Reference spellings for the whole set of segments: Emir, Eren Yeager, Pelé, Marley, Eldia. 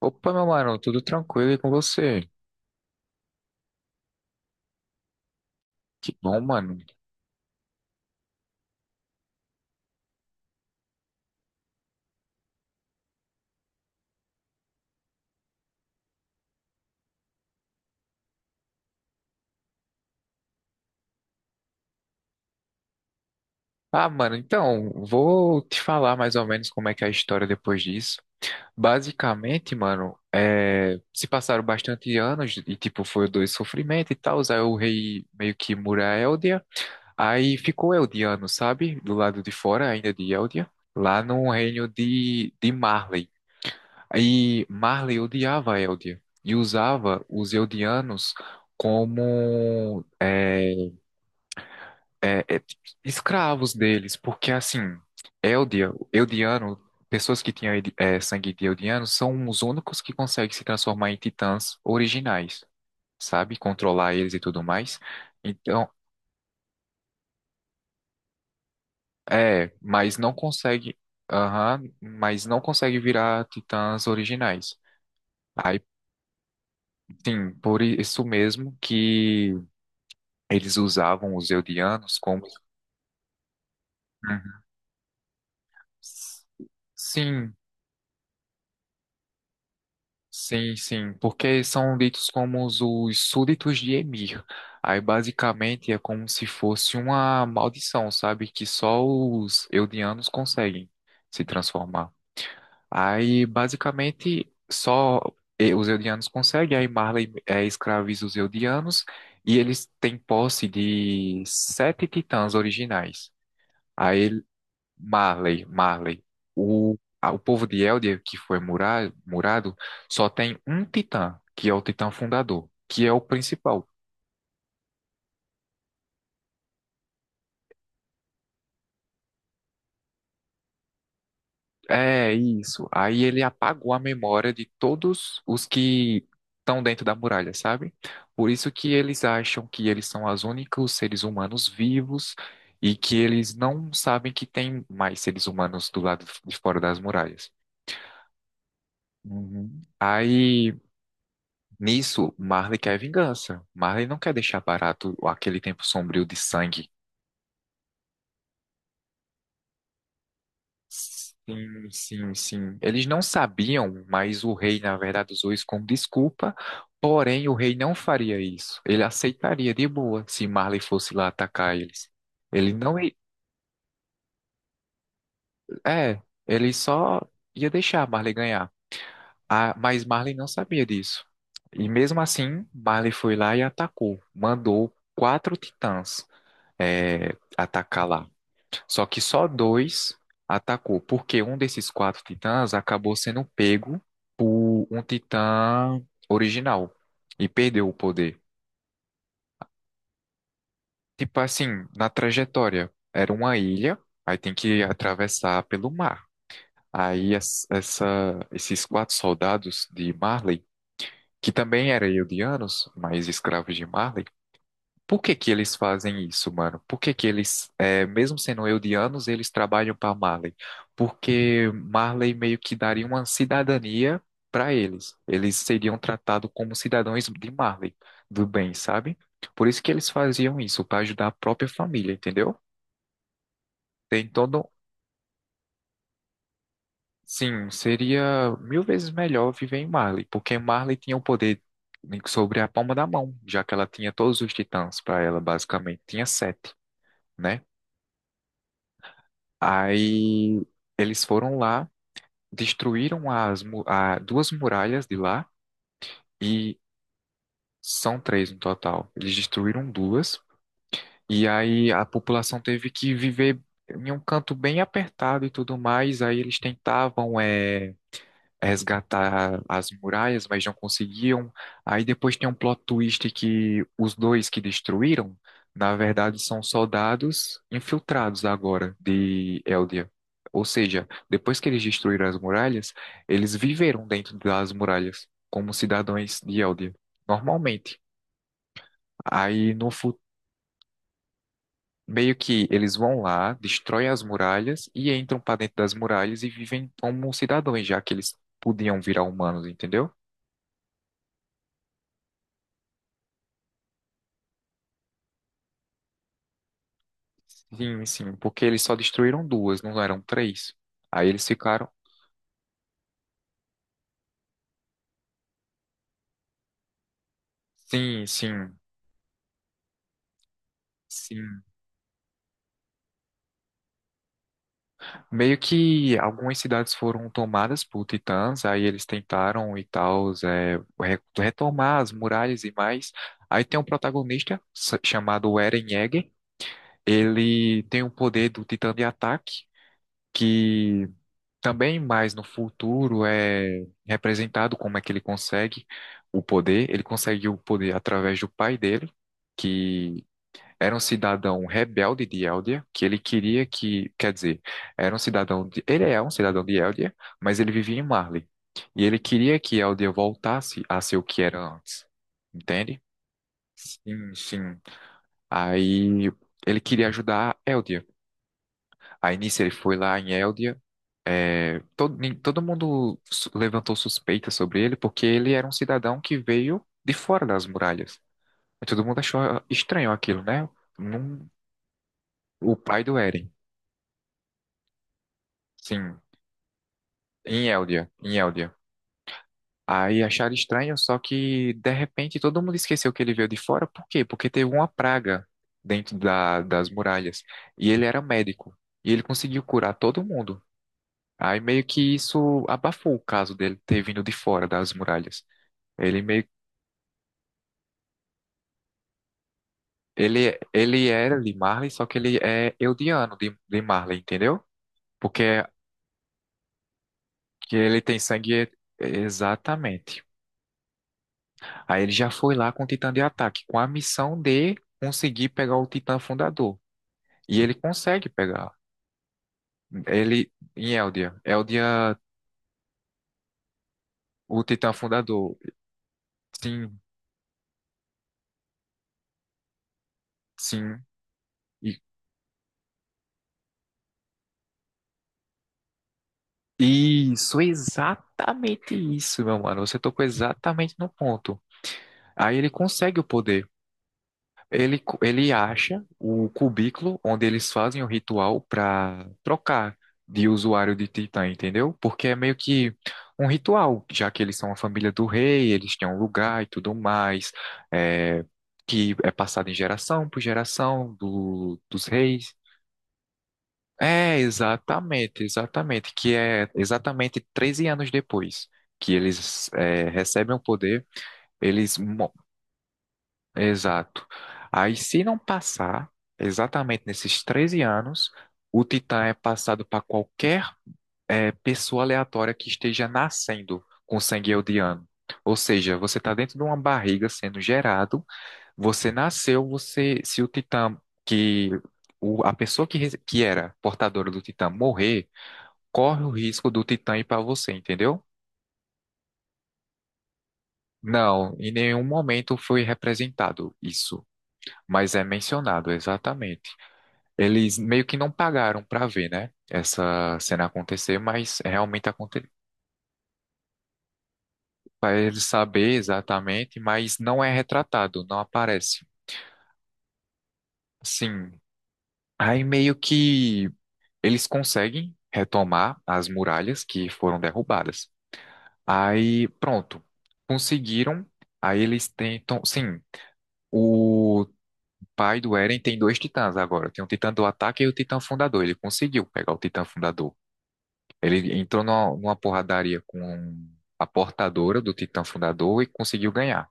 Opa, meu mano, tudo tranquilo e com você? Que bom, mano. Ah, mano, então, vou te falar mais ou menos como é que é a história depois disso. Basicamente, mano, se passaram bastante anos e, tipo, foi dois sofrimentos e tal. Aí o rei meio que mura a Eldia. Aí ficou Eldiano, sabe? Do lado de fora ainda de Eldia. Lá no reino de Marley. Aí Marley odiava a Eldia e usava os Eldianos como é, é, escravos deles, porque assim, Eldia, Eldiano, pessoas que tinham sangue de Eldiano são os únicos que conseguem se transformar em titãs originais, sabe? Controlar eles e tudo mais. Então, mas não consegue, aham, mas não consegue virar titãs originais. Aí, sim, por isso mesmo que eles usavam os Eldianos como. Uhum. Sim, sim, sim, porque são ditos como os súditos de Emir. Aí basicamente é como se fosse uma maldição, sabe? Que só os Eldianos conseguem se transformar. Aí basicamente só os Eldianos conseguem, aí Marley escraviza os Eldianos e eles têm posse de sete titãs originais. Aí Marley, Marley. O povo de Eldia, que foi murado, só tem um titã, que é o titã fundador, que é o principal. É isso. Aí ele apagou a memória de todos os que estão dentro da muralha, sabe? Por isso que eles acham que eles são os únicos seres humanos vivos e que eles não sabem que tem mais seres humanos do lado de fora das muralhas. Uhum. Aí. Nisso, Marley quer vingança. Marley não quer deixar barato aquele tempo sombrio de sangue. Sim, sim, sim. Eles não sabiam, mas o rei, na verdade, usou isso como desculpa. Porém, o rei não faria isso. Ele aceitaria de boa se Marley fosse lá atacar eles. Ele não ia. É, ele só ia deixar Marley ganhar. Ah, mas Marley não sabia disso. E mesmo assim, Marley foi lá e atacou. Mandou quatro titãs, atacar lá. Só que só dois atacou, porque um desses quatro titãs acabou sendo pego por um titã original e perdeu o poder. Tipo assim, na trajetória, era uma ilha, aí tem que atravessar pelo mar. Aí esses quatro soldados de Marley, que também eram eldianos, mas escravos de Marley, por que que eles fazem isso, mano? Por que que eles, mesmo sendo eldianos, eles trabalham para Marley? Porque Marley meio que daria uma cidadania para eles. Eles seriam tratados como cidadãos de Marley, do bem, sabe? Por isso que eles faziam isso, para ajudar a própria família, entendeu? Tem todo. Sim, seria mil vezes melhor viver em Marley, porque Marley tinha o poder sobre a palma da mão, já que ela tinha todos os titãs para ela, basicamente. Tinha sete, né? Aí eles foram lá, destruíram as duas muralhas de lá e são três no total. Eles destruíram duas e aí a população teve que viver em um canto bem apertado e tudo mais. Aí eles tentavam resgatar as muralhas, mas não conseguiam. Aí depois tem um plot twist que os dois que destruíram, na verdade, são soldados infiltrados agora de Eldia. Ou seja, depois que eles destruíram as muralhas, eles viveram dentro das muralhas, como cidadãos de Eldia, normalmente. Aí no futuro. Meio que eles vão lá, destroem as muralhas e entram para dentro das muralhas e vivem como cidadãos, já que eles podiam virar humanos, entendeu? Sim, sim, porque eles só destruíram duas, não eram três. Aí eles ficaram. Sim, sim, sim. Meio que algumas cidades foram tomadas por titãs, aí eles tentaram e tal, retomar as muralhas e mais. Aí tem um protagonista chamado Eren Yeager. Ele tem o poder do titã de ataque, que também mais no futuro é representado como é que ele consegue o poder. Ele consegue o poder através do pai dele, que era um cidadão rebelde de Eldia, que ele queria que, quer dizer, era um cidadão de, ele é um cidadão de Eldia, mas ele vivia em Marley. E ele queria que Eldia voltasse a ser o que era antes. Entende? Sim, sim. Aí ele queria ajudar Eldia. Aí nisso ele foi lá em Eldia, todo mundo levantou suspeita sobre ele porque ele era um cidadão que veio de fora das muralhas. E todo mundo achou estranho aquilo, né? Num- o pai do Eren, sim, em Eldia, em Eldia. Aí acharam estranho, só que de repente todo mundo esqueceu que ele veio de fora. Por quê? Porque teve uma praga dentro das muralhas. E ele era médico. E ele conseguiu curar todo mundo. Aí meio que isso abafou o caso dele ter vindo de fora das muralhas. Ele meio ele era de Marley, só que ele é Eldiano de Marley, entendeu? Porque que ele tem sangue, exatamente. Aí ele já foi lá com o Titã de ataque, com a missão de conseguir pegar o Titã fundador. E ele consegue pegar. Ele em Eldia. Eldia, o Titã fundador. Sim, sim. E- Isso, exatamente isso, meu mano. Você tocou exatamente no ponto. Aí ele consegue o poder. Ele acha o cubículo onde eles fazem o ritual para trocar de usuário de Titã, entendeu? Porque é meio que um ritual, já que eles são a família do rei, eles têm um lugar e tudo mais, é, que é passado em geração por geração dos reis. É, exatamente, exatamente, que é exatamente 13 anos depois que eles recebem o poder, eles Exato. Aí, se não passar, exatamente nesses 13 anos, o Titã é passado para qualquer pessoa aleatória que esteja nascendo com sangue eldiano. Ou seja, você está dentro de uma barriga sendo gerado, você nasceu, se o Titã que a pessoa que era portadora do Titã morrer, corre o risco do Titã ir para você, entendeu? Não, em nenhum momento foi representado isso, mas é mencionado, eles meio que não pagaram para ver, né? Essa cena acontecer, mas realmente aconteceu. Para eles saber exatamente, mas não é retratado, não aparece. Sim. Aí meio que eles conseguem retomar as muralhas que foram derrubadas. Aí, pronto. Conseguiram. Aí eles tentam. Sim, o pai do Eren tem dois titãs agora. Tem o titã do ataque e o titã fundador. Ele conseguiu pegar o titã fundador. Ele entrou numa porradaria com a portadora do Titã Fundador e conseguiu ganhar.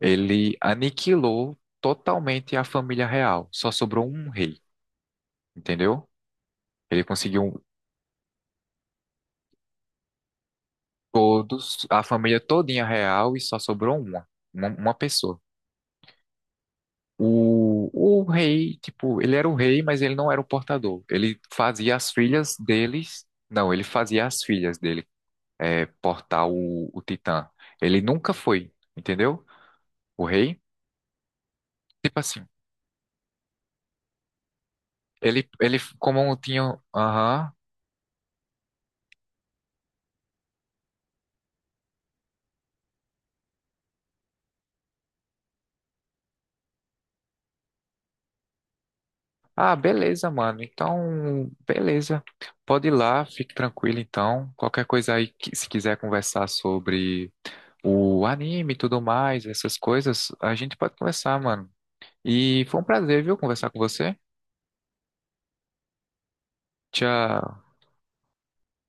Ele aniquilou totalmente a família real. Só sobrou um rei, entendeu? Ele conseguiu todos, a família todinha real e só sobrou uma pessoa. O rei, tipo, ele era o rei, mas ele não era o portador. Ele fazia as filhas deles, não, ele fazia as filhas dele portar o Titã. Ele nunca foi, entendeu? O rei. Tipo assim, ele como um tinha. Aham. Ah, beleza, mano. Então, beleza. Pode ir lá, fique tranquilo então. Qualquer coisa aí, se quiser conversar sobre o anime e tudo mais, essas coisas, a gente pode conversar, mano. E foi um prazer, viu, conversar com você. Tchau.